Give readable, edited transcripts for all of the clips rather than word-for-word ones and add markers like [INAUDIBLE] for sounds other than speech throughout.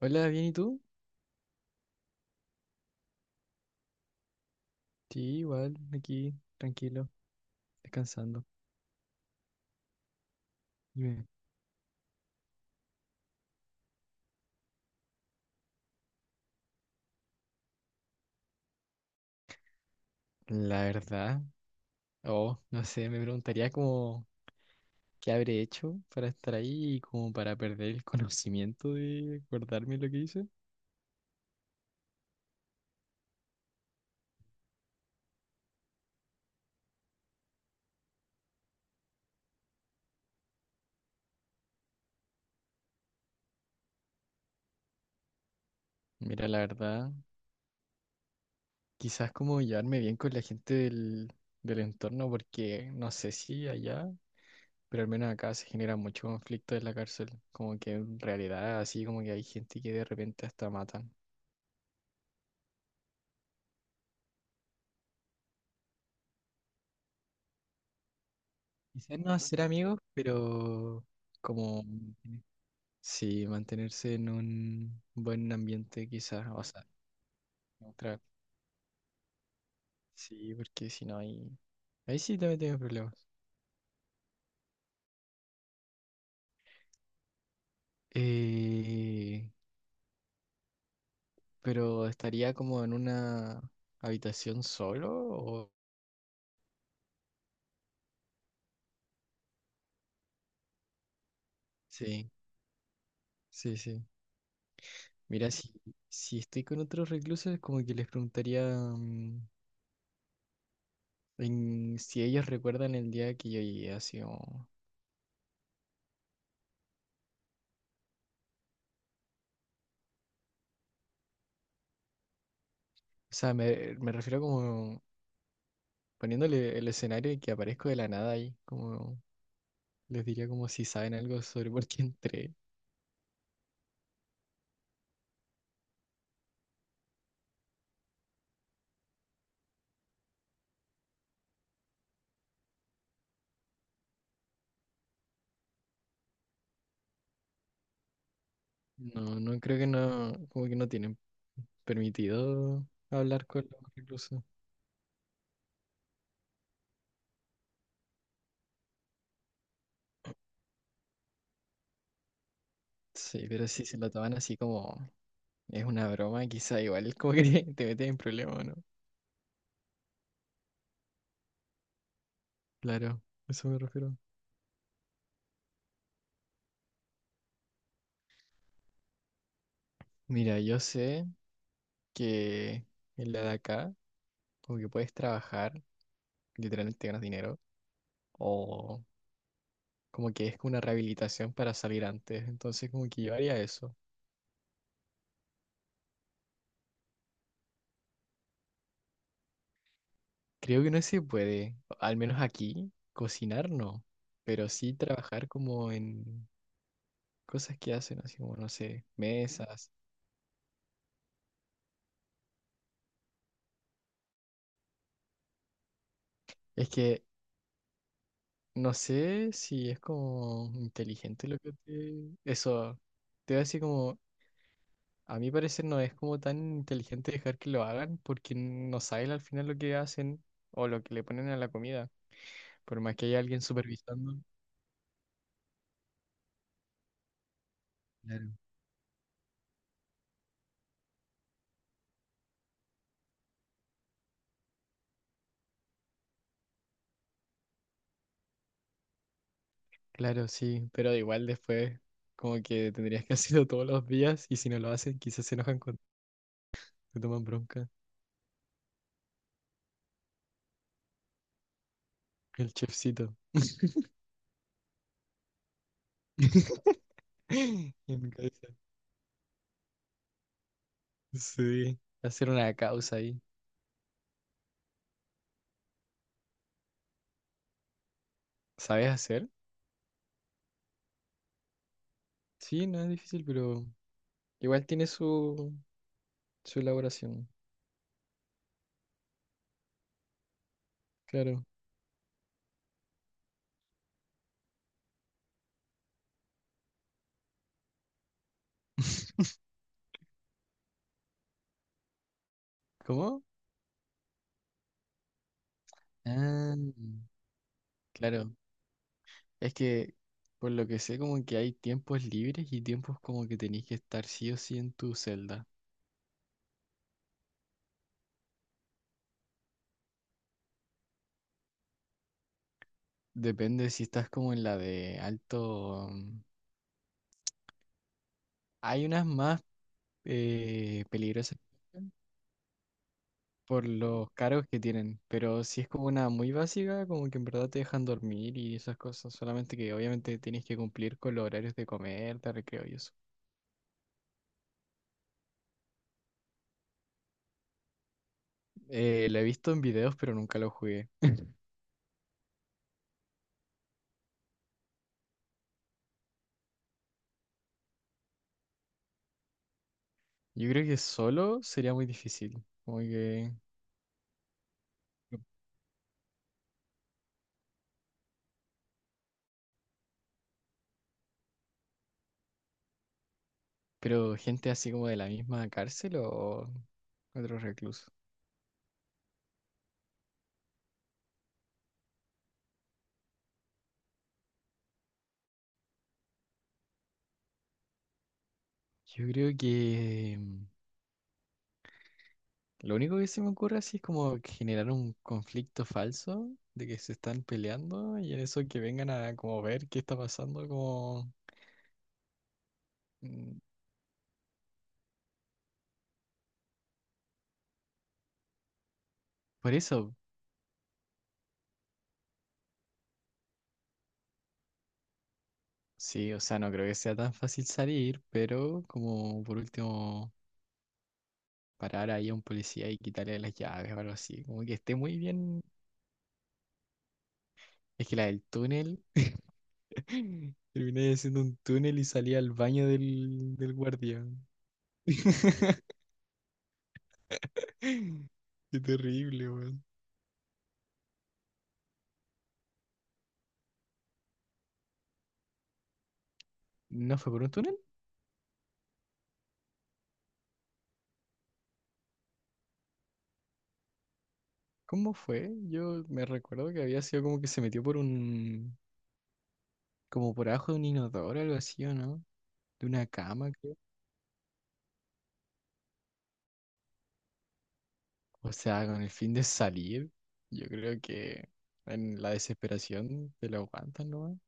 Hola, ¿bien y tú? Sí, igual, aquí, tranquilo, descansando. Dime. La verdad, oh, no sé, me preguntaría como qué habré hecho para estar ahí y como para perder el conocimiento de acordarme lo que hice. Mira, la verdad, quizás como llevarme bien con la gente del entorno, porque no sé si allá, pero al menos acá se genera mucho conflicto en la cárcel. Como que en realidad, así como que hay gente que de repente hasta matan. Quizás no hacer amigos, pero como sí, mantenerse en un buen ambiente quizás, o sea, otra- sí, porque si no hay, ahí sí también tengo problemas. Eh, pero estaría como en una habitación solo o sí, sí. Mira, si estoy con otros reclusos, como que les preguntaría mm, si ellos recuerdan el día que yo llegué así como... O sea, me refiero como poniéndole el escenario y que aparezco de la nada ahí, como les diría como si saben algo sobre por qué entré. No, no creo que no, como que no tienen permitido hablar con los reclusos. Sí, pero si se lo toman así como es una broma, quizá igual como que [LAUGHS] te metes en problemas, ¿no? Claro, a eso me refiero. Mira, yo sé que en la de acá, como que puedes trabajar, literalmente ganas dinero, o como que es una rehabilitación para salir antes, entonces como que yo haría eso. Creo que no se puede, al menos aquí, cocinar no, pero sí trabajar como en cosas que hacen, así como, no sé, mesas. Es que no sé si es como inteligente lo que te... Eso, te voy a decir como, a mi parecer no es como tan inteligente dejar que lo hagan porque no sabes al final lo que hacen o lo que le ponen a la comida, por más que haya alguien supervisando. Claro. Claro, sí, pero igual después como que tendrías que [LAUGHS] hacerlo todos los días y si no lo hacen quizás se enojan cuando te toman bronca. El chefcito. [LAUGHS] En mi cabeza. Sí, hacer una causa ahí. ¿Sabes hacer? Sí, no es difícil, pero igual tiene su elaboración. Claro. [LAUGHS] ¿Cómo? Ah, claro. Es que por lo que sé como que hay tiempos libres y tiempos como que tenés que estar sí o sí en tu celda. Depende si estás como en la de alto. Hay unas más peligrosas por los cargos que tienen, pero si es como una muy básica, como que en verdad te dejan dormir y esas cosas, solamente que obviamente tienes que cumplir con los horarios de comer, de recreo y eso. Lo he visto en videos, pero nunca lo jugué. [LAUGHS] Yo creo que solo sería muy difícil, como que... Pero gente así como de la misma cárcel o otro recluso. Yo creo que... Lo único que se me ocurre así es como generar un conflicto falso de que se están peleando y en eso que vengan a como ver qué está pasando, como... mm, Por eso, sí, o sea, no creo que sea tan fácil salir, pero como por último parar ahí a un policía y quitarle las llaves o algo así, como que esté muy bien. Es que la del túnel, [LAUGHS] terminé haciendo un túnel y salí al baño del guardia. [LAUGHS] Qué terrible, weón. ¿No fue por un túnel? ¿Cómo fue? Yo me recuerdo que había sido como que se metió por un, como por abajo de un inodoro o algo así, ¿o no? De una cama, creo. O sea, con el fin de salir, yo creo que en la desesperación te lo aguantan, ¿no?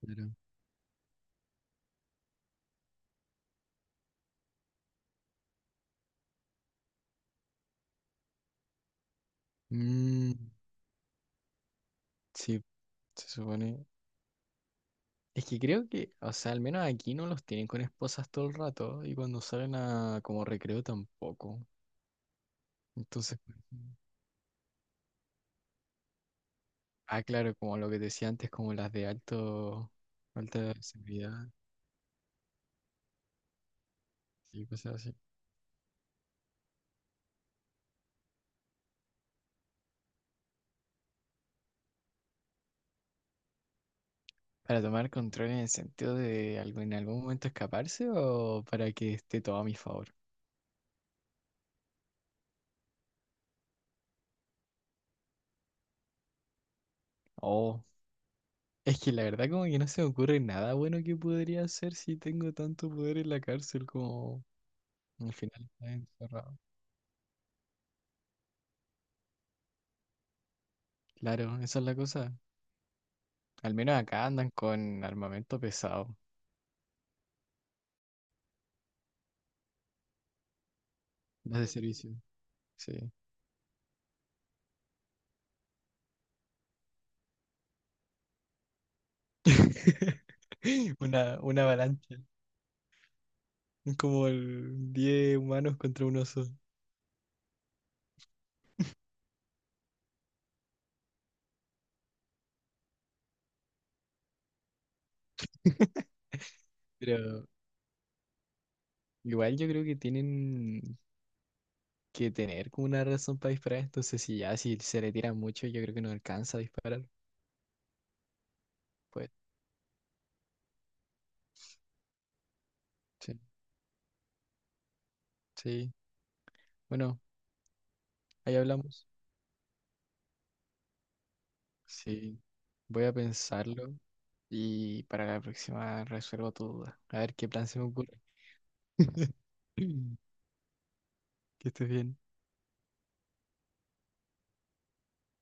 Claro. Mm, sí, se supone. Es que creo que, o sea, al menos aquí no los tienen con esposas todo el rato y cuando salen a como recreo tampoco. Entonces, pues, ah, claro, como lo que decía antes, como las de alto, alta seguridad. Sí, cosas así. ¿Para tomar control en el sentido de algo, en algún momento escaparse o para que esté todo a mi favor? Oh, es que la verdad como que no se me ocurre nada bueno que podría hacer si tengo tanto poder en la cárcel como al final está encerrado. Claro, esa es la cosa. Al menos acá andan con armamento pesado, las de servicio, sí. [LAUGHS] Una avalancha, como el 10 humanos contra un oso. [LAUGHS] Pero igual yo creo que tienen que tener como una razón para disparar. Entonces, si ya si se le tira mucho, yo creo que no alcanza a disparar. Pues sí, sí. Bueno, ahí hablamos. Sí, voy a pensarlo y para la próxima resuelvo tu duda. A ver qué plan se me ocurre. [LAUGHS] Que estés bien.